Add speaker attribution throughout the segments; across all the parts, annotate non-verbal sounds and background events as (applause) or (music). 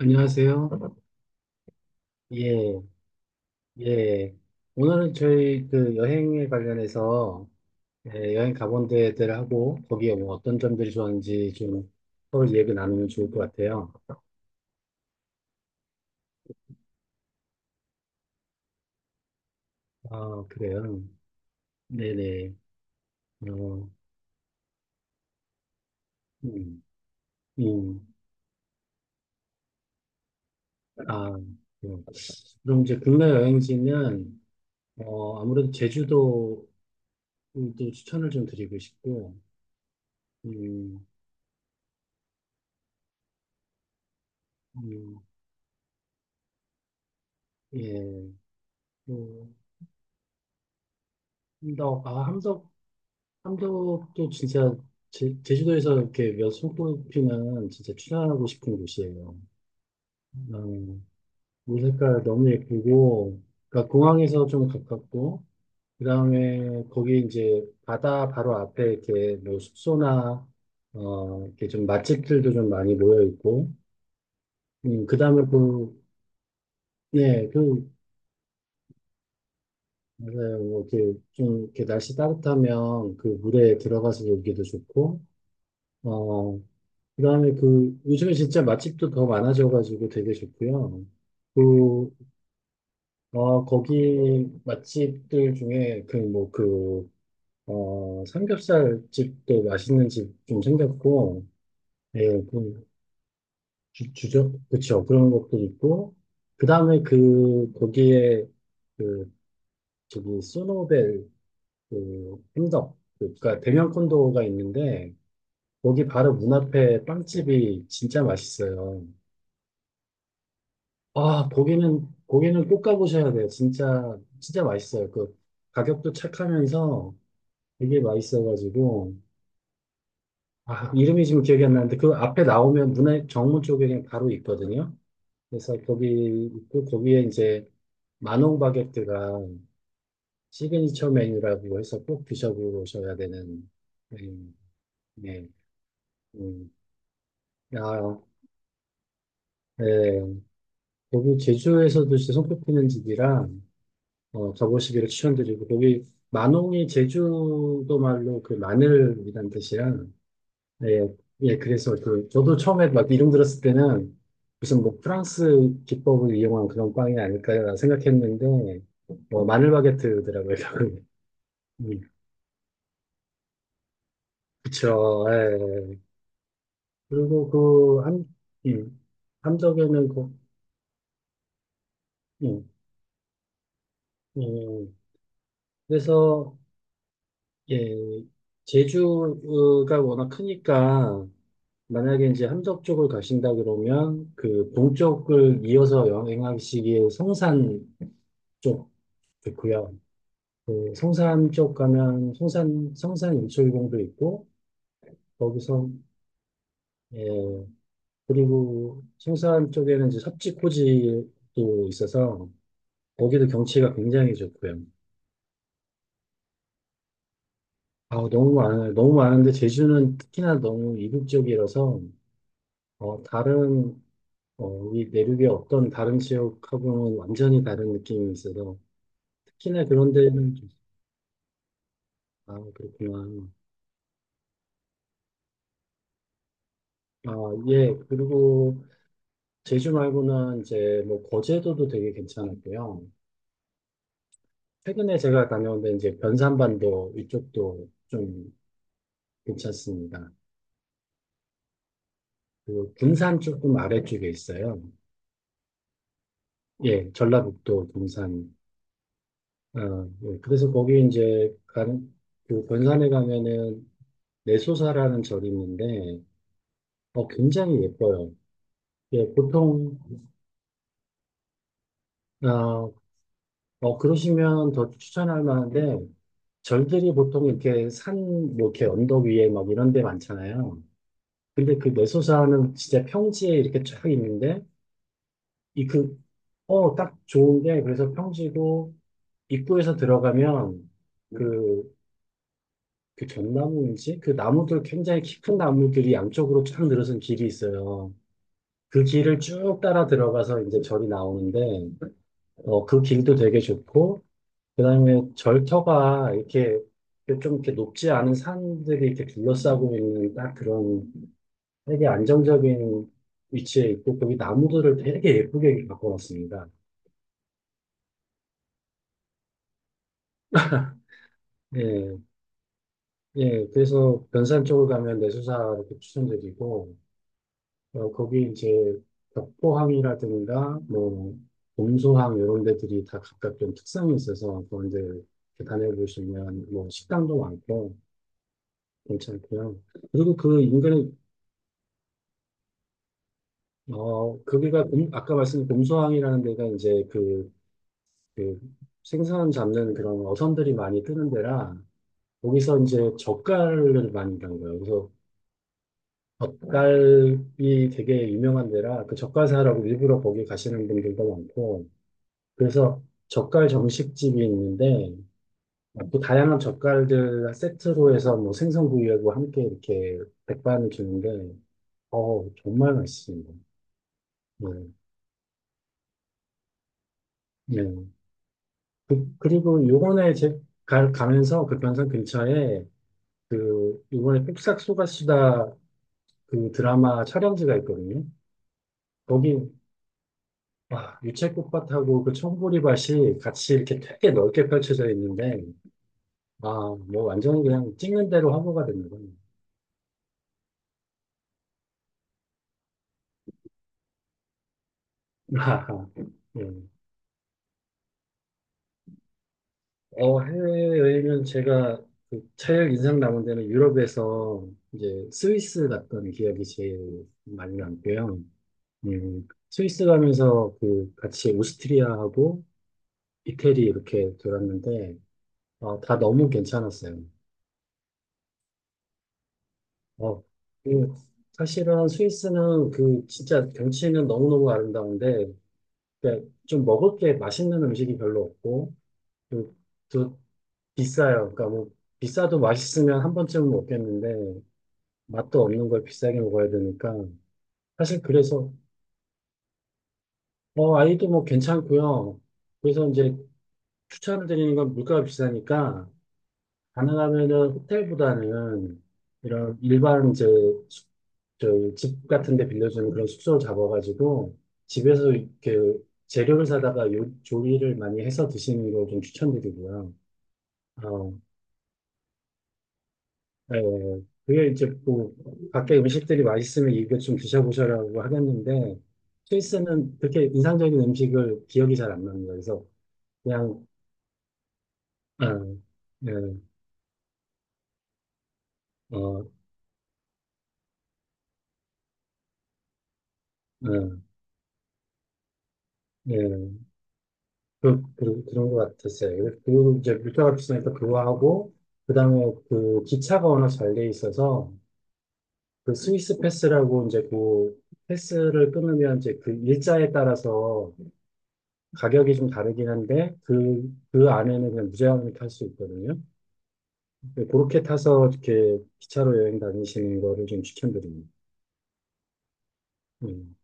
Speaker 1: 안녕하세요. 예, 예. 오늘은 저희 그 여행에 관련해서 예, 여행 가본 데들하고 거기에 뭐 어떤 점들이 좋았는지 좀 서로 얘기 나누면 좋을 것 같아요. 아, 그래요. 네네. 어, 음, 음. 아, 그래요. 그럼 이제 국내 여행지는 아무래도 제주도도 추천을 좀 드리고 싶고, 음, 음, 예. 또 함덕, 아, 함덕도 진짜 제주도에서 이렇게 몇 손꼽 피면 진짜 출연하고 싶은 곳이에요. 음, 물 색깔 너무 예쁘고, 그러니까 공항에서 좀 가깝고, 그 다음에 거기 이제 바다 바로 앞에 이렇게 뭐 숙소나, 이렇게 좀 맛집들도 좀 많이 모여 있고, 그 다음에 그, 네, 그, 맞아요. 뭐 이렇게 좀 이렇게 날씨 따뜻하면 그 물에 들어가서 놀기도 좋고, 어, 그다음에 그 요즘에 진짜 맛집도 더 많아져가지고 되게 좋고요. 그, 거기 맛집들 중에 그 뭐 그, 삼겹살 집도 맛있는 집 좀 생겼고, 예, 그 주죠? 그쵸. 그런 것도 있고, 그다음에 그 거기에 그 저기 소노벨 그 햄덕 그니까 대명 콘도가 있는데 거기 바로 문 앞에 빵집이 진짜 맛있어요. 아, 고기는 꼭 가보셔야 돼요. 진짜, 진짜 맛있어요. 그, 가격도 착하면서 되게 맛있어가지고. 아, 이름이 지금 기억이 안 나는데, 그 앞에 나오면 문화 정문 쪽에 그냥 바로 있거든요. 그래서 거기 있고, 거기에 이제 마농 바게트가 시그니처 메뉴라고 해서 꼭 드셔보셔야 되는, 메뉴. 네, 음, 아, 네. 거기 제주에서도 진짜 손꼽히는 집이라, 가보시기를 추천드리고, 거기, 만홍이 제주도 말로 그 마늘이란 뜻이야. 예, 예, 그래서 그, 저도 처음에 막 이름 들었을 때는 무슨 뭐 프랑스 기법을 이용한 그런 빵이 아닐까라는 생각했는데, 뭐 마늘 바게트더라고요. (laughs) 음, 그쵸, 예. 예, 예. 그리고 그, 음, 함덕에는 그, 음, 음, 그래서, 예, 제주가 워낙 크니까, 만약에 이제 함덕 쪽을 가신다 그러면 그 동쪽을 이어서 여행하시기에 성산 쪽 있고요. 그 성산 쪽 가면 성산 일출봉도 있고 거기서 예 그리고 성산 쪽에는 이제 섭지코지도 있어서 거기도 경치가 굉장히 좋고요. 아 너무 많아요. 너무 많은데 제주는 특히나 너무 이국적이라서 다른 리 내륙의 어떤 다른 지역하고는 완전히 다른 느낌이 있어서 시내 그런 데는 좀- 아 그렇구나. 아 예. 그리고 제주 말고는 이제 뭐 거제도도 되게 괜찮았고요. 최근에 제가 다녀온 데 이제 변산반도 이쪽도 좀 괜찮습니다. 그리고 군산 조금 아래쪽에 있어요. 예, 전라북도 군산. 어, 예, 그래서 거기 이제 가는 그 변산에 가면은 내소사라는 절이 있는데 굉장히 예뻐요. 예, 보통 아 그러시면 더 추천할 만한데, 절들이 보통 이렇게 산, 뭐 이렇게 언덕 위에 막 이런 데 많잖아요. 근데 그 내소사는 진짜 평지에 이렇게 쫙 있는데, 이 그, 딱 좋은 게, 그래서 평지고, 입구에서 들어가면, 그, 그, 전나무인지? 그 나무들, 굉장히 깊은 나무들이 양쪽으로 쫙 늘어선 길이 있어요. 그 길을 쭉 따라 들어가서 이제 절이 나오는데, 그 길도 되게 좋고, 그다음에 절터가 이렇게 좀 이렇게 높지 않은 산들이 이렇게 둘러싸고 있는 딱 그런 되게 안정적인 위치에 있고 거기 나무들을 되게 예쁘게 바꿔놨습니다. 예, 예. 그래서 변산 쪽을 가면 내수사 이렇게 추천드리고 거기 이제 벽포항이라든가 뭐 봄소항 이런 데들이 다 각각 좀 특성이 있어서 그런 데 이렇게 다녀보시면 뭐 식당도 많고 괜찮고요. 그리고 그 인근에 거기가 공- 아까 말씀드린 곰소항이라는 데가 이제 그 생선 잡는 그런 어선들이 많이 뜨는 데라 거기서 이제 젓갈을 많이 담는 거예요. 그래서 젓갈이 되게 유명한 데라 그 젓갈사라고 일부러 거기 가시는 분들도 많고 그래서 젓갈 정식집이 있는데 또 다양한 젓갈들 세트로 해서 뭐 생선구이하고 함께 이렇게 백반을 주는데 정말 맛있습니다. 네. 네. 그, 그리고 요번에 가면서 그 변산 근처에 그 요번에 뚝싹 쏘가수다 그 드라마 촬영지가 있거든요. 거기 와, 유채꽃밭하고 그 청보리밭이 같이 이렇게 되게 넓게 펼쳐져 있는데 아, 뭐 완전히 그냥 찍는 대로 화보가 되는 거예요. (laughs) 아하. 예. 해외여행은 제가 그 제일 인상 남은 데는 유럽에서 이제 스위스 갔던 기억이 제일 많이 남고요. 스위스 가면서 그 같이 오스트리아하고 이태리 이렇게 돌았는데 다 너무 괜찮았어요. 어, 그 사실은 스위스는 그 진짜 경치는 너무너무 아름다운데 그좀 먹을 게 맛있는 음식이 별로 없고 또, 또 비싸요. 그러니까 뭐 비싸도 맛있으면 한 번쯤은 먹겠는데 맛도 없는 걸 비싸게 먹어야 되니까 사실 그래서 아이도 뭐 괜찮고요. 그래서 이제 추천을 드리는 건 물가가 비싸니까 가능하면은 호텔보다는 이런 일반 이제 숙- 저집 같은 데 빌려주는 그런 숙소를 잡아가지고 집에서 이렇게 재료를 사다가 요, 조리를 많이 해서 드시는 걸 좀 추천드리고요. 어, 예, 예. 그게 이제 뭐 밖에 음식들이 맛있으면 이거 좀 드셔보셔라고 하겠는데 스위스는 그렇게 인상적인 음식을 기억이 잘 안 납니다. 그래서 그냥 어, 예, 어, 예, 예. 그, 그런 것 같았어요. 그리고 그 이제 물가가 비니까 그거 하고, 그 다음에 그 기차가 워낙 잘 돼 있어서, 그 스위스 패스라고 이제 그 패스를 끊으면 이제 그 일자에 따라서 가격이 좀 다르긴 한데, 그 안에는 그냥 무제한으로 탈 수 있거든요. 네, 그렇게 타서 이렇게 기차로 여행 다니시는 거를 좀 추천드립니다. 음.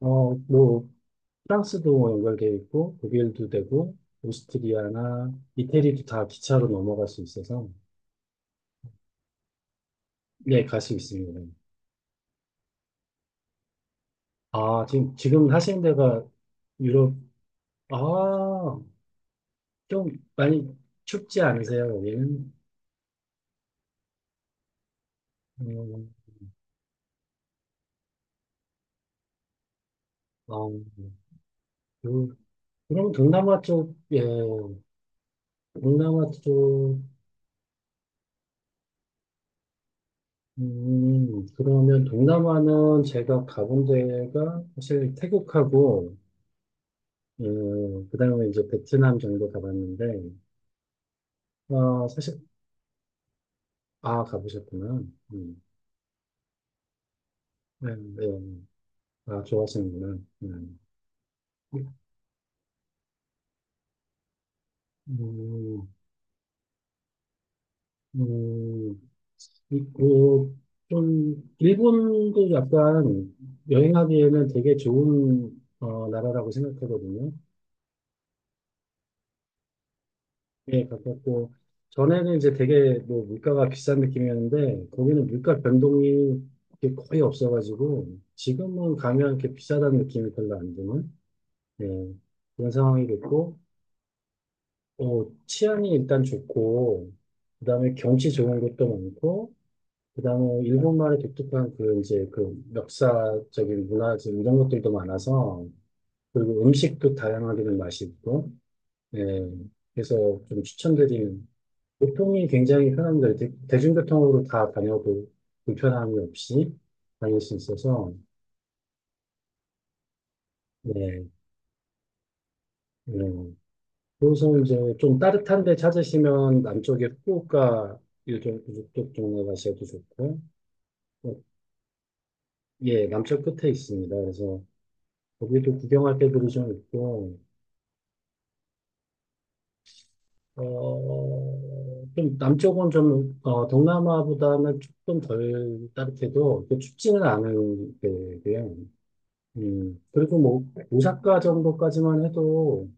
Speaker 1: 뭐, 프랑스도 연결돼 있고, 독일도 되고, 오스트리아나 이태리도 다 기차로 넘어갈 수 있어서, 네, 갈 수 있습니다. 아, 지금 하시는 데가 유럽, 아, 좀 많이 춥지 않으세요, 여기는? 음, 아, 그, 그럼 동남아 쪽, 예, 동남아 쪽, 그러면 동남아는 제가 가본 데가 사실 태국하고, 그다음에 이제 베트남 정도 가봤는데, 아, 사실, 아, 가보셨구나. 음, 네, 네. 네. 아, 좋아하시는구나. 음. 음, 음, 이- 고 좀, 일본도 약간 여행하기에는 되게 좋은, 나라라고 생각하거든요. 예, 가깝고, 전에는 이제 되게 뭐 물가가 비싼 느낌이었는데, 거기는 물가 변동이 이렇게 거의 없어가지고, 지금은 가면 이렇게 비싸다는 느낌이 별로 안 드는, 예, 그런 상황이 됐고, 치안이 일단 좋고, 그다음에 경치 좋은 것도 많고, 그다음에 일본말의 독특한 그 이제 그 역사적인 문화적인 이런 것들도 많아서 그리고 음식도 다양하게 좀 맛이 있고 예 그래서 좀 추천드리는 교통이 굉장히 편합니다. 대중교통으로 다 다녀도 불편함이 없이 다닐 수 있어서 네 네. 그래서 이제 좀 따뜻한 데 찾으시면 남쪽에 후쿠오카 이쪽 동네 가셔도 좋고 어, 예 남쪽 끝에 있습니다. 그래서 거기도 구경할 데들이 좀 있고 좀 남쪽은 좀, 동남아보다는 조금 덜 따뜻해도 그 춥지는 않은 데고요. 그리고 뭐, 오사카 정도까지만 해도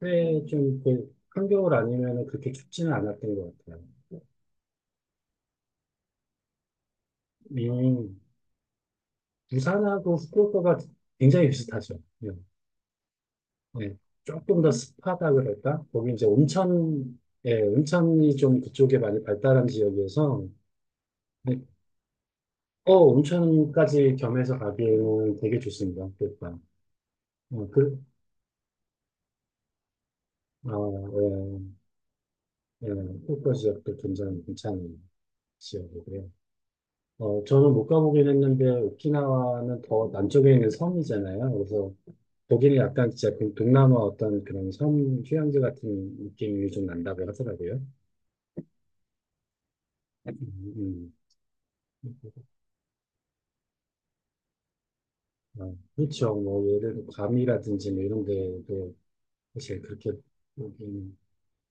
Speaker 1: 꽤좀 그, 한겨울 아니면 그렇게 춥지는 않았던 것 같아요. 음, 부산하고 후쿠오카가 굉장히 비슷하죠. 네. 네. 조금 더 습하다 그럴까? 거기 이제 온천, 예, 온천이 좀 그쪽에 많이 발달한 지역이어서 네, 온천까지 겸해서 가기에는 되게 좋습니다. 일단. 그, 어, 예, 예, 후쿠오카 지역도 굉장히 괜찮은 지역이고요. 저는 못 가보긴 했는데, 오키나와는 더 남쪽에 있는 섬이잖아요. 그래서 거기는 약간 진짜 그 동남아 어떤 그런 섬 휴양지 같은 느낌이 좀 난다고 하더라고요. 음, 음. 아, 그렇죠. 뭐, 예를 들어, 괌이라든지 뭐 이런 데도 사실 그렇게, 여기는,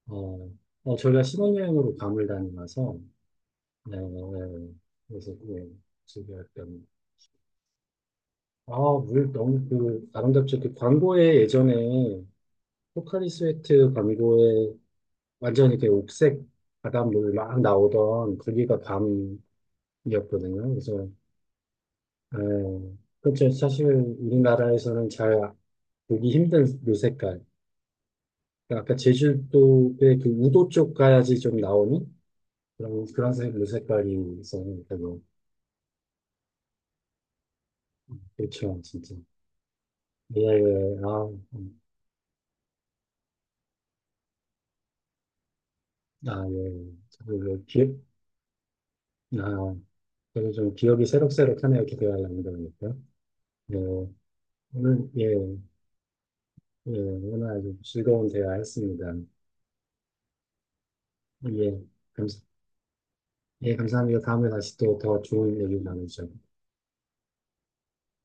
Speaker 1: 어, 저희가 신혼여행으로 괌을 다녀와서 네, 네. 그래서 예, 준비했던. 아, 물 너무 그 아름답죠. 그 광고에 예전에 포카리 스웨트 광고에 완전히 그 옥색 바닷물 막 나오던 거기가 밤이었거든요. 그래서 예, 그렇죠. 사실 우리나라에서는 잘 보기 힘든 요 색깔. 그러니까 아까 제주도의 그 우도 쪽 가야지 좀 나오는 그런 색, 요 색깔이 있었는데 그렇죠, 진짜. 예, 예. 아. 음. 아, 예. 저도 그 기억, 아, 저도 좀 기억이 새록새록하네요. 기대할 남다 보니까. 예. 오늘, 예, 예. 오늘 아주 즐거운 대화였습니다. 예. 감, 예, 감사합니다. 다음에 다시 또 더 좋은 얘기 나누죠.